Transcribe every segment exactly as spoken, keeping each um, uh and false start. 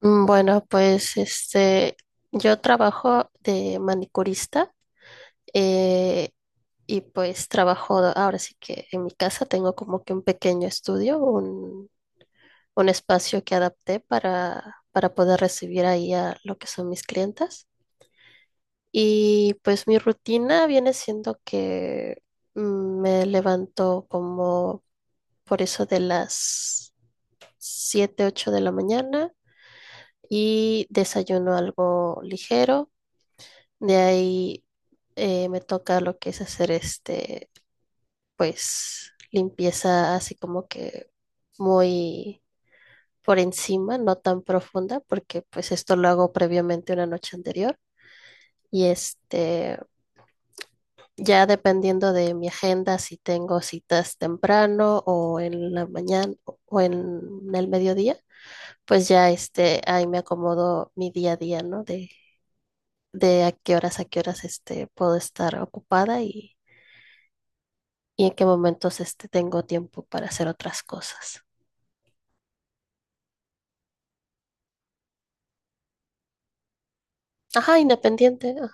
Mm, Bueno, pues este, yo trabajo de manicurista, eh, y pues trabajo, ahora sí que en mi casa, tengo como que un pequeño estudio, un, un espacio que adapté para, para poder recibir ahí a lo que son mis clientas. Y pues mi rutina viene siendo que, mm, me levanto como por eso de las siete ocho de la mañana y desayuno algo ligero. De ahí, eh, me toca lo que es hacer este, pues, limpieza así como que muy por encima, no tan profunda, porque pues esto lo hago previamente una noche anterior. Y este, ya dependiendo de mi agenda, si tengo citas temprano o en la mañana o en el mediodía, pues ya este, ahí me acomodo mi día a día, ¿no? De, de a qué horas a qué horas este, puedo estar ocupada y y en qué momentos este, tengo tiempo para hacer otras cosas. Ajá, independiente. Ah,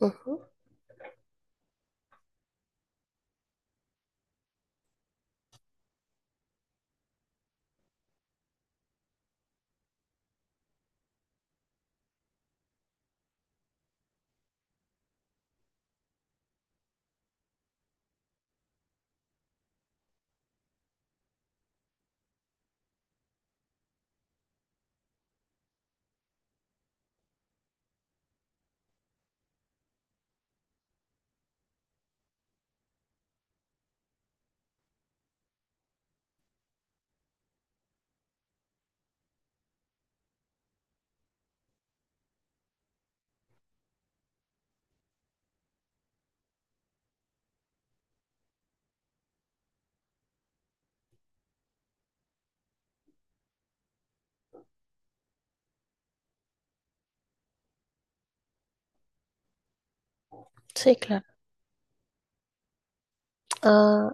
ujú. Sí, claro. Ah,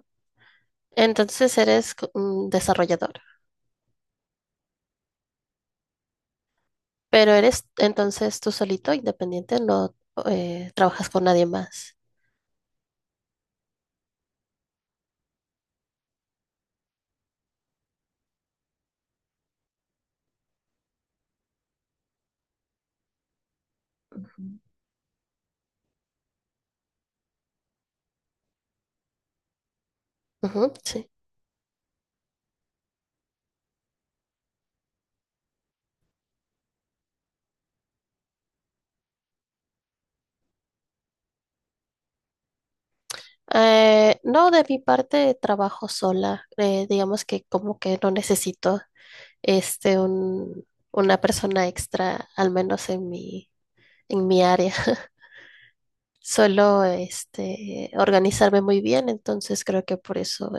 entonces eres co- un desarrollador, pero eres entonces tú solito, independiente, no, eh, trabajas con nadie más. Ujú. Ujú, sí. Eh, no, de mi parte trabajo sola. Eh, digamos que como que no necesito este un, una persona extra, al menos en mi, en mi área. Suelo, este, organizarme muy bien, entonces creo que por eso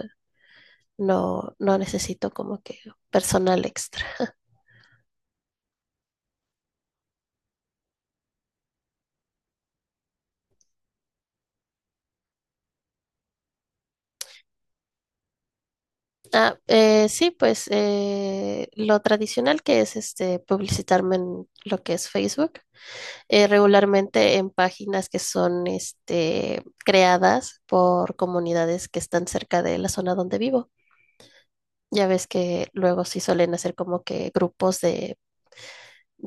no, no necesito como que personal extra. Ah, eh, sí, pues eh, lo tradicional, que es este, publicitarme en lo que es Facebook, eh, regularmente en páginas que son, este, creadas por comunidades que están cerca de la zona donde vivo. Ya ves que luego sí suelen hacer como que grupos de,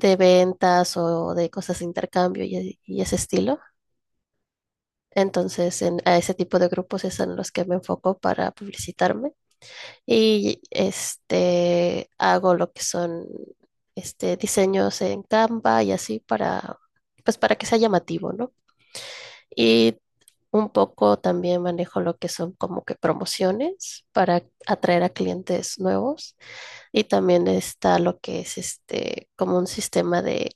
de ventas o de cosas de intercambio y, y ese estilo. Entonces, en, a ese tipo de grupos es en los que me enfoco para publicitarme, y este, hago lo que son, este, diseños en Canva y así para, pues para que sea llamativo, ¿no? Y un poco también manejo lo que son como que promociones para atraer a clientes nuevos, y también está lo que es este, como un sistema de,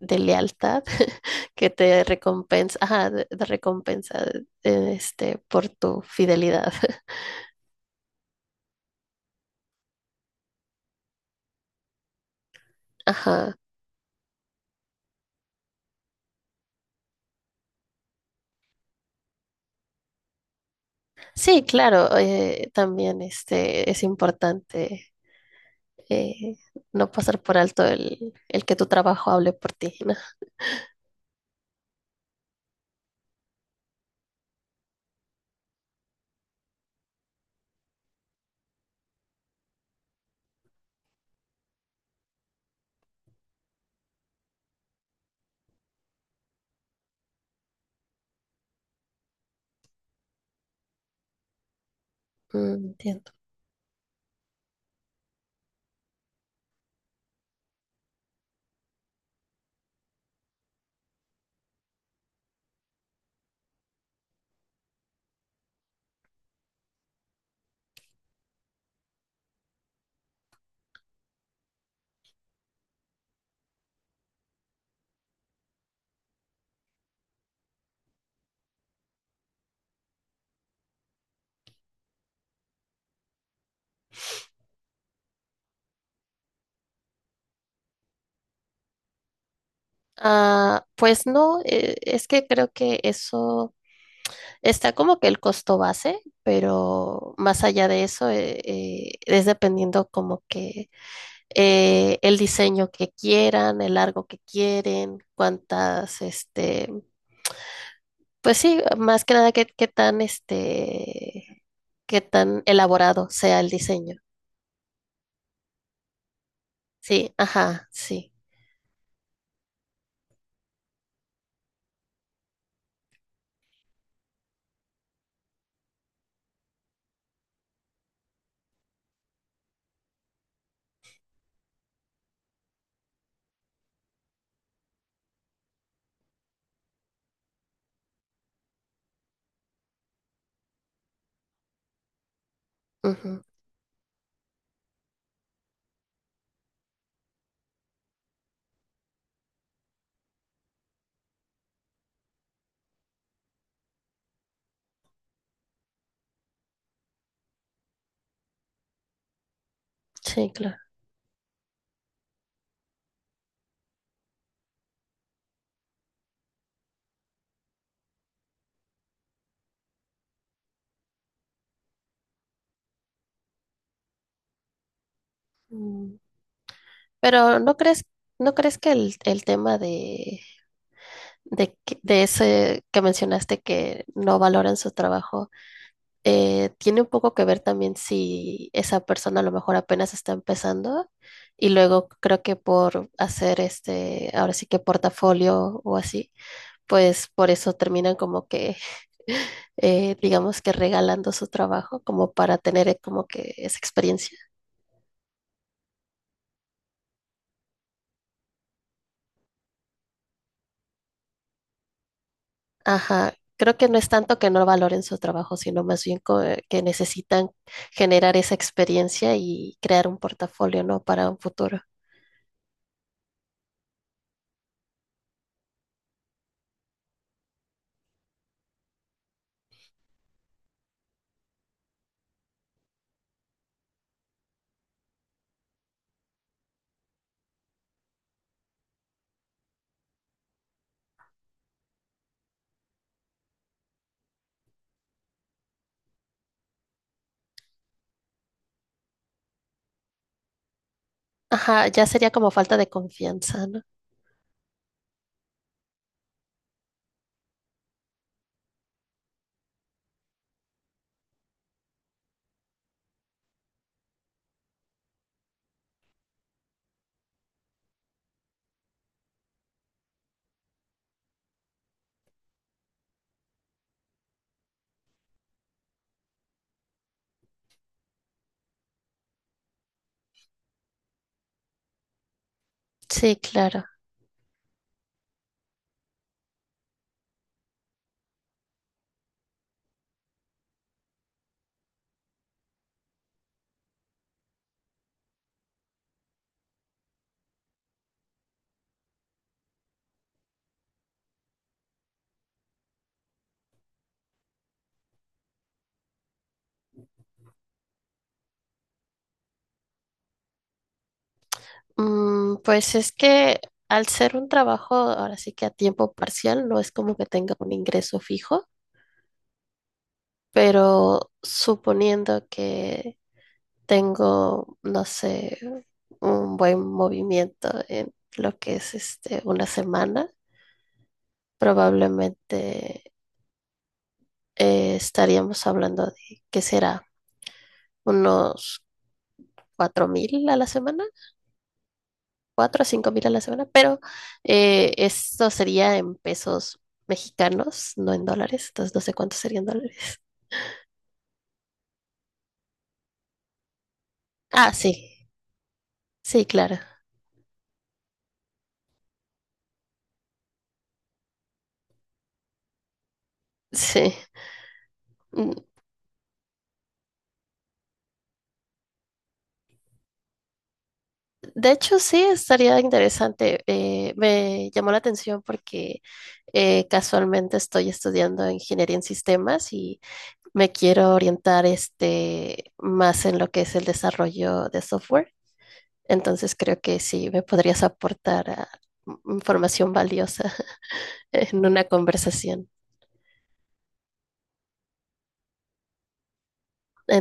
de lealtad que te recompensa, ajá, de, de recompensa eh, este, por tu fidelidad. Ajá. Sí, claro, eh, también este, es importante, eh, no pasar por alto el, el que tu trabajo hable por ti, ¿no? Mm, entiendo. Ah, pues no, eh, es que creo que eso, está como que el costo base, pero más allá de eso, eh, eh, es dependiendo como que, eh, el diseño que quieran, el largo que quieren, cuántas, este, pues sí, más que nada qué, qué tan, este, qué tan elaborado sea el diseño. Sí, ajá, sí, ujú, sí, claro. Mm. Pero ¿no crees, ¿no crees que el, el tema de, de, que- de ese que mencionaste, que no valoran su trabajo, eh, tiene un poco que ver también si esa persona a lo mejor apenas está empezando, y luego creo que por hacer este, ahora sí que portafolio o así, pues por eso terminan como que, eh, digamos que regalando su trabajo como para tener eh, como que esa experiencia. Ajá. Creo que no es tanto que no valoren su trabajo, sino más bien co- eh, que necesitan generar esa experiencia y crear un portafolio, ¿no? Para un futuro. Ajá, ya sería como falta de confianza, ¿no? Sí, claro. Mm, pues es que al ser un trabajo, ahora sí que a tiempo parcial, no es como que tenga un ingreso fijo, pero suponiendo que tengo, no sé, un buen movimiento en lo que es este una semana, probablemente, eh, estaríamos hablando de, ¿qué será? Unos cuatro mil a la semana, cuatro a cinco mil a la semana, pero eh, esto sería en pesos mexicanos, no en dólares, entonces no sé cuántos serían dólares. Ah, sí, sí, claro, sí. Mm. De hecho, sí, estaría interesante. Eh, me llamó la atención porque, eh, casualmente estoy estudiando ingeniería en sistemas y me quiero orientar, este, más en lo que es el desarrollo de software. Entonces creo que sí me podrías aportar, ah, información valiosa en una conversación.